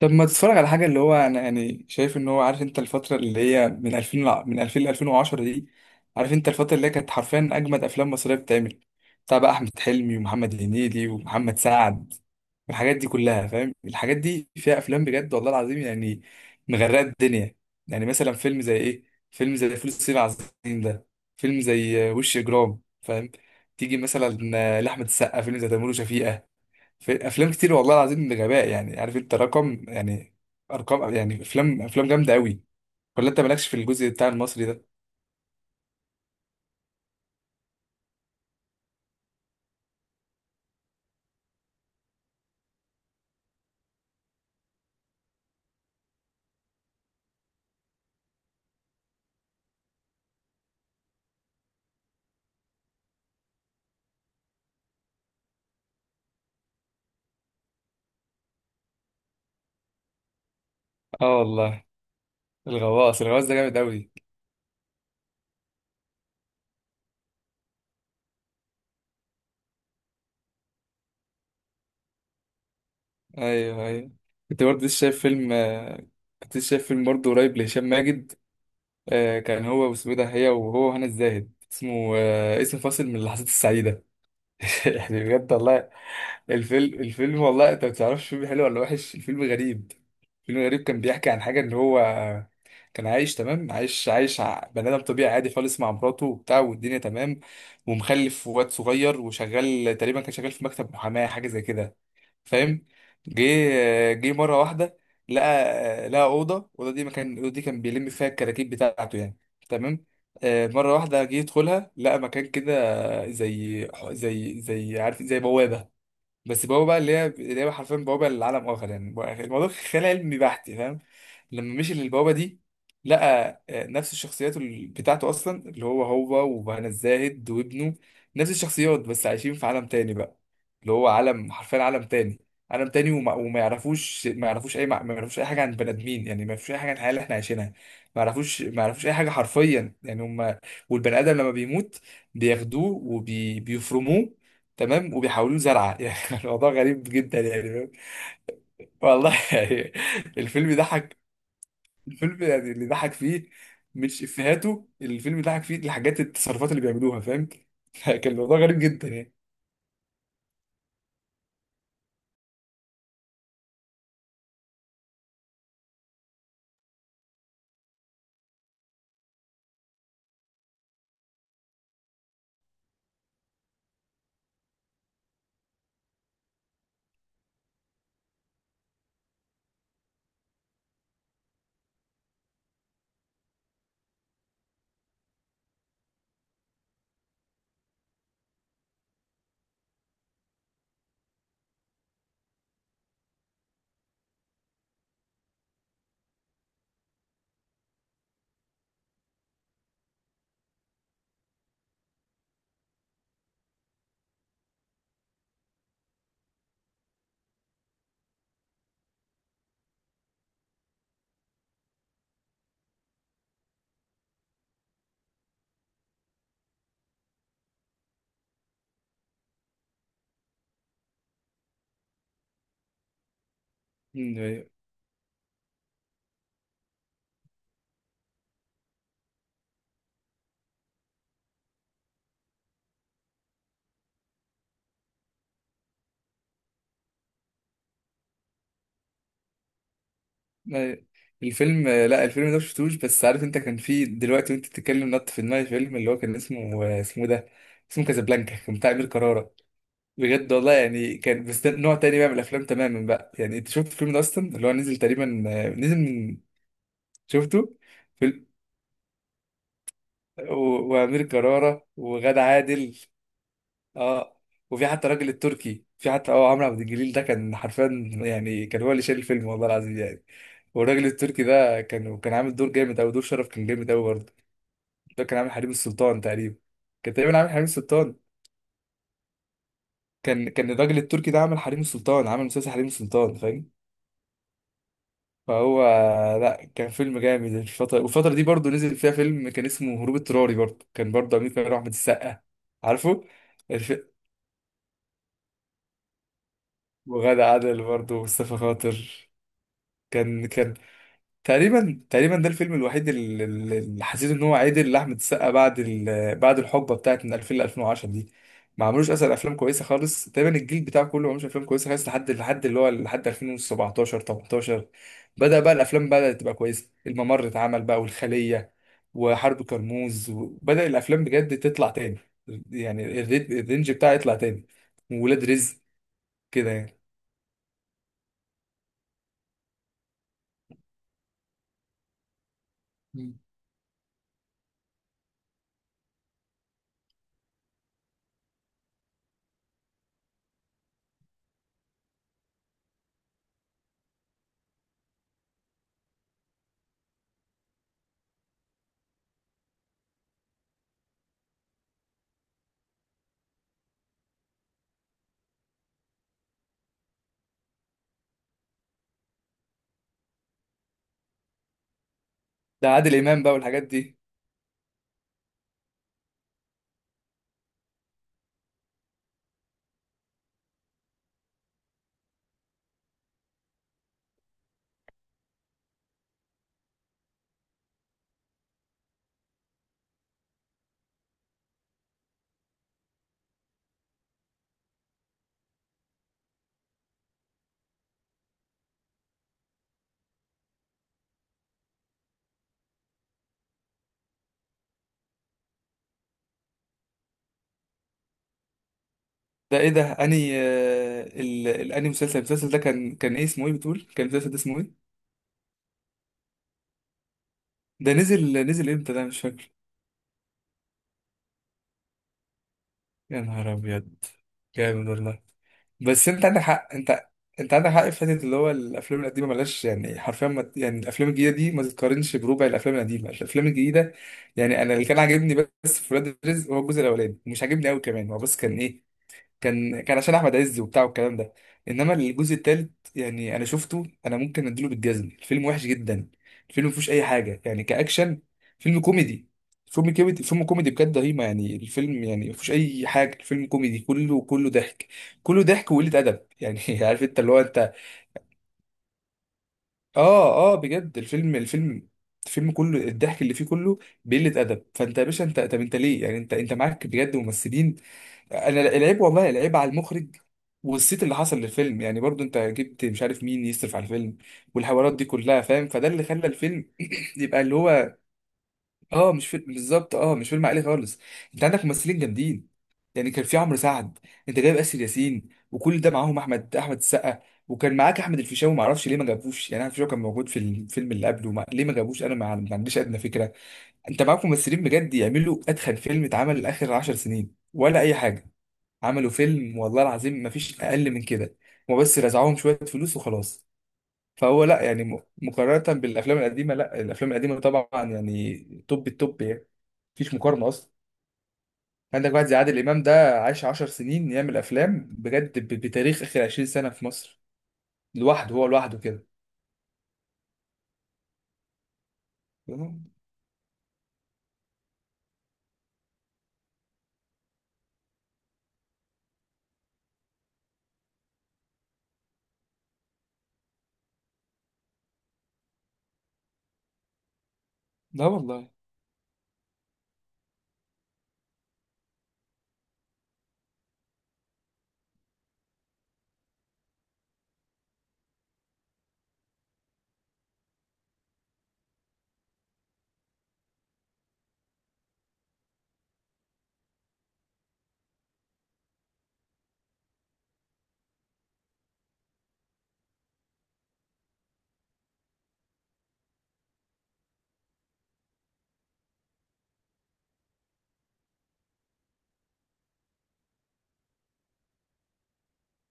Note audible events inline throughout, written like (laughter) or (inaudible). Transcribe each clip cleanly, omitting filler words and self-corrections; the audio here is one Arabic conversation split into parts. طب ما تتفرج على حاجه اللي هو انا يعني شايف ان هو عارف انت الفتره اللي هي من 2000 ل 2010 دي. عارف انت الفتره اللي هي كانت حرفيا اجمد افلام مصريه بتتعمل، بتاع بقى احمد حلمي ومحمد هنيدي ومحمد سعد والحاجات دي كلها، فاهم؟ الحاجات دي فيها افلام بجد والله العظيم يعني، مغرقه الدنيا. يعني مثلا فيلم زي ايه؟ فيلم زي فول الصين العظيم ده، فيلم زي وش اجرام، فاهم؟ تيجي مثلا لاحمد السقا فيلم زي تيمور وشفيقة. في افلام كتير والله العظيم بغباء، يعني عارف انت رقم، يعني ارقام، يعني افلام جامده قوي. ولا انت مالكش في الجزء بتاع المصري ده؟ اه والله. الغواص ده جامد قوي. ايوه ايوه. كنت برضه لسه شايف فيلم آه، كنت لسه شايف فيلم برضه قريب لهشام ماجد. كان هو واسمه إيه ده، هي وهو وهنا الزاهد، اسمه اسم فاصل من اللحظات السعيده. (laughs) يعني بجد والله، الفيلم والله انت ما تعرفش الفيلم حلو ولا وحش، الفيلم غريب. الفيلم غريب كان بيحكي عن حاجه ان هو كان عايش تمام، بني ادم طبيعي عادي خالص مع مراته وبتاع والدنيا تمام، ومخلف وواد صغير، وشغال تقريبا كان شغال في مكتب محاماه حاجه زي كده، فاهم؟ جه مره واحده لقى، لقى الاوضه دي، مكان الاوضه دي كان بيلم فيها الكراكيب بتاعته يعني، تمام. مره واحده جه يدخلها لقى مكان كده، زي عارف زي بوابه، بس بوابه بقى اللي هي حرفيا بوابه للعالم اخر يعني. الموضوع خيال علمي بحت، فاهم؟ لما مشي للبوابه دي لقى نفس الشخصيات بتاعته اصلا، اللي هو هو وهنا الزاهد وابنه، نفس الشخصيات بس عايشين في عالم تاني بقى، اللي هو عالم حرفيا عالم تاني. عالم تاني وما, وما يعرفوش ما يعرفوش اي ما يعرفوش اي حاجه عن البني ادمين، يعني ما يعرفوش اي حاجه عن الحياه اللي احنا عايشينها. ما يعرفوش اي حاجه حرفيا يعني. هم والبني ادم لما بيموت بياخدوه وبيفرموه، تمام، وبيحولوه زرعه (laughs) يعني. الموضوع غريب جدا يعني، فاهم؟ والله يعني الفيلم ضحك، الفيلم يعني اللي ضحك فيه مش افيهاته، الفيلم اللي ضحك فيه الحاجات، التصرفات اللي بيعملوها، فاهم؟ (laughs) كان الموضوع غريب جدا يعني. أيوة. أيوة. الفيلم، لا الفيلم ده مشفتوش، بس عارف انت كان فيه دلوقتي وانت بتتكلم نط في دماغي فيلم اللي هو كان اسمه ده، اسمه كازابلانكا، كان بتاع امير كرارة. بجد والله يعني كان، بس ده نوع تاني بقى من الافلام تماما بقى. يعني انت شفت الفيلم ده اصلا؟ اللي هو نزل تقريبا، نزل من. شفته. فيلم. وامير كرارة وغادة عادل. اه. وفي حتى الراجل التركي، في حتى عمرو عبد الجليل ده كان حرفيا، يعني كان هو اللي شايل الفيلم والله العظيم يعني. والراجل التركي ده كان عامل دور جامد قوي، دور شرف كان جامد قوي برضه. ده كان عامل حريم السلطان تقريبا. كان تقريبا عامل حريم السلطان. كان الراجل التركي ده عامل حريم السلطان، عامل مسلسل حريم السلطان، فاهم؟ فهو، لا كان فيلم جامد الفترة. والفترة دي برضه نزل فيها فيلم كان اسمه هروب اضطراري، برضه كان برضه أمير كمال وأحمد السقا. عارفه. الف... وغادة عادل برضه ومصطفى خاطر. كان تقريبا ده الفيلم الوحيد اللي حسيت ان هو عدل لاحمد السقا، بعد بعد الحقبه بتاعت من 2000 ل 2010 دي. ما عملوش اصلا افلام كويسه خالص تقريبا، الجيل بتاعه كله ما عملوش افلام كويسه خالص لحد اللي هو لحد 2017 18، بدا بقى الافلام، بدات تبقى كويسه. الممر اتعمل بقى، والخليه، وحرب كرموز، وبدا الافلام بجد تطلع تاني، يعني الرينج بتاعها يطلع تاني، وولاد رزق كده يعني. مم. ده عادل امام بقى والحاجات دي. ده ايه ده اني الاني مسلسل، المسلسل ده كان ايه اسمه ايه بتقول، كان المسلسل ده اسمه ايه؟ ده نزل امتى، ده مش فاكر. يا نهار ابيض. جامد والله. بس انت عندك حق انت، انت عندك حق في حته اللي هو الافلام القديمه ملهاش يعني حرفيا ما... يعني الافلام الجديده دي ما تتقارنش بربع الافلام القديمه. الافلام الجديده، يعني انا اللي كان عاجبني بس في ولاد الرزق هو الجزء الاولاني، مش عاجبني قوي كمان هو، بس كان ايه، كان عشان احمد عز وبتاع والكلام ده. انما الجزء الثالث يعني انا شفته، انا ممكن اديله بالجزم، الفيلم وحش جدا. الفيلم ما فيهوش اي حاجه يعني كاكشن، فيلم كوميدي، فيلم كوميدي بجد رهيبه. يعني الفيلم يعني ما فيهوش اي حاجه، الفيلم كوميدي كله، كله ضحك، كله ضحك وقله ادب يعني (laughs) عارف انت اللي هو انت. اه اه بجد، الفيلم الفيلم كله الضحك اللي فيه كله بقله ادب. فانت يا باشا انت، طب انت ليه، يعني انت معاك بجد ممثلين. انا العيب والله العيب على المخرج، والصيت اللي حصل للفيلم، يعني برضو انت جبت مش عارف مين يصرف على الفيلم، والحوارات دي كلها فاهم، فده اللي خلى الفيلم (clears throat) يبقى اللي هو، اه مش فيلم بالظبط، اه مش فيلم عائلي خالص. انت عندك ممثلين جامدين، يعني كان في عمرو سعد، انت جايب اسر ياسين وكل ده معاهم احمد السقا، وكان معاك احمد الفيشاوي، ما اعرفش ليه ما جابوش، يعني احمد الفيشاوي كان موجود في الفيلم اللي قبله ما... ليه ما جابوش انا ما عنديش ادنى فكره. انت معاك ممثلين بجد يعملوا اتخن فيلم اتعمل اخر 10 سنين ولا اي حاجه، عملوا فيلم والله العظيم ما فيش اقل من كده، هما بس رزعوهم شويه فلوس وخلاص. فهو لا يعني مقارنه بالافلام القديمه، لا الافلام القديمه طبعا يعني توب التوب يعني، مفيش مقارنه اصلا. عندك واحد زي عادل امام ده عاش 10 سنين يعمل افلام بجد بتاريخ اخر 20 سنه في مصر، لوحده هو لوحده كده. لا والله.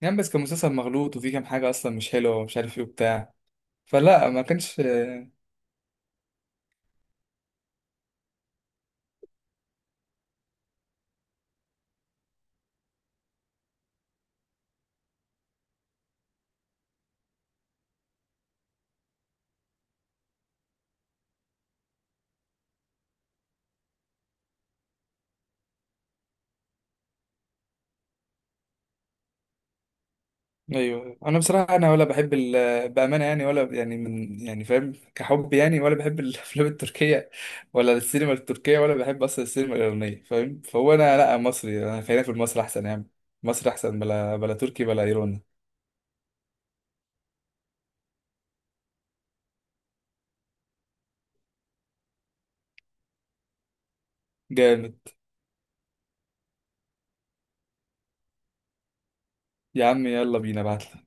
يعني بس كان مسلسل مغلوط وفيه كام حاجه اصلا مش حلوه ومش عارف ايه وبتاع، فلا ما كانش. ايوه انا بصراحه، انا ولا بحب بامانه يعني، ولا يعني من يعني فاهم كحب يعني، ولا بحب الافلام التركيه ولا السينما التركيه، ولا بحب اصلا السينما الايرانيه فاهم. فهو انا لا، مصري، انا خلينا في المصري احسن يا عم، مصري احسن بلا بلا تركي بلا ايراني. جامد. يا عم يلا بينا، ابعتلي.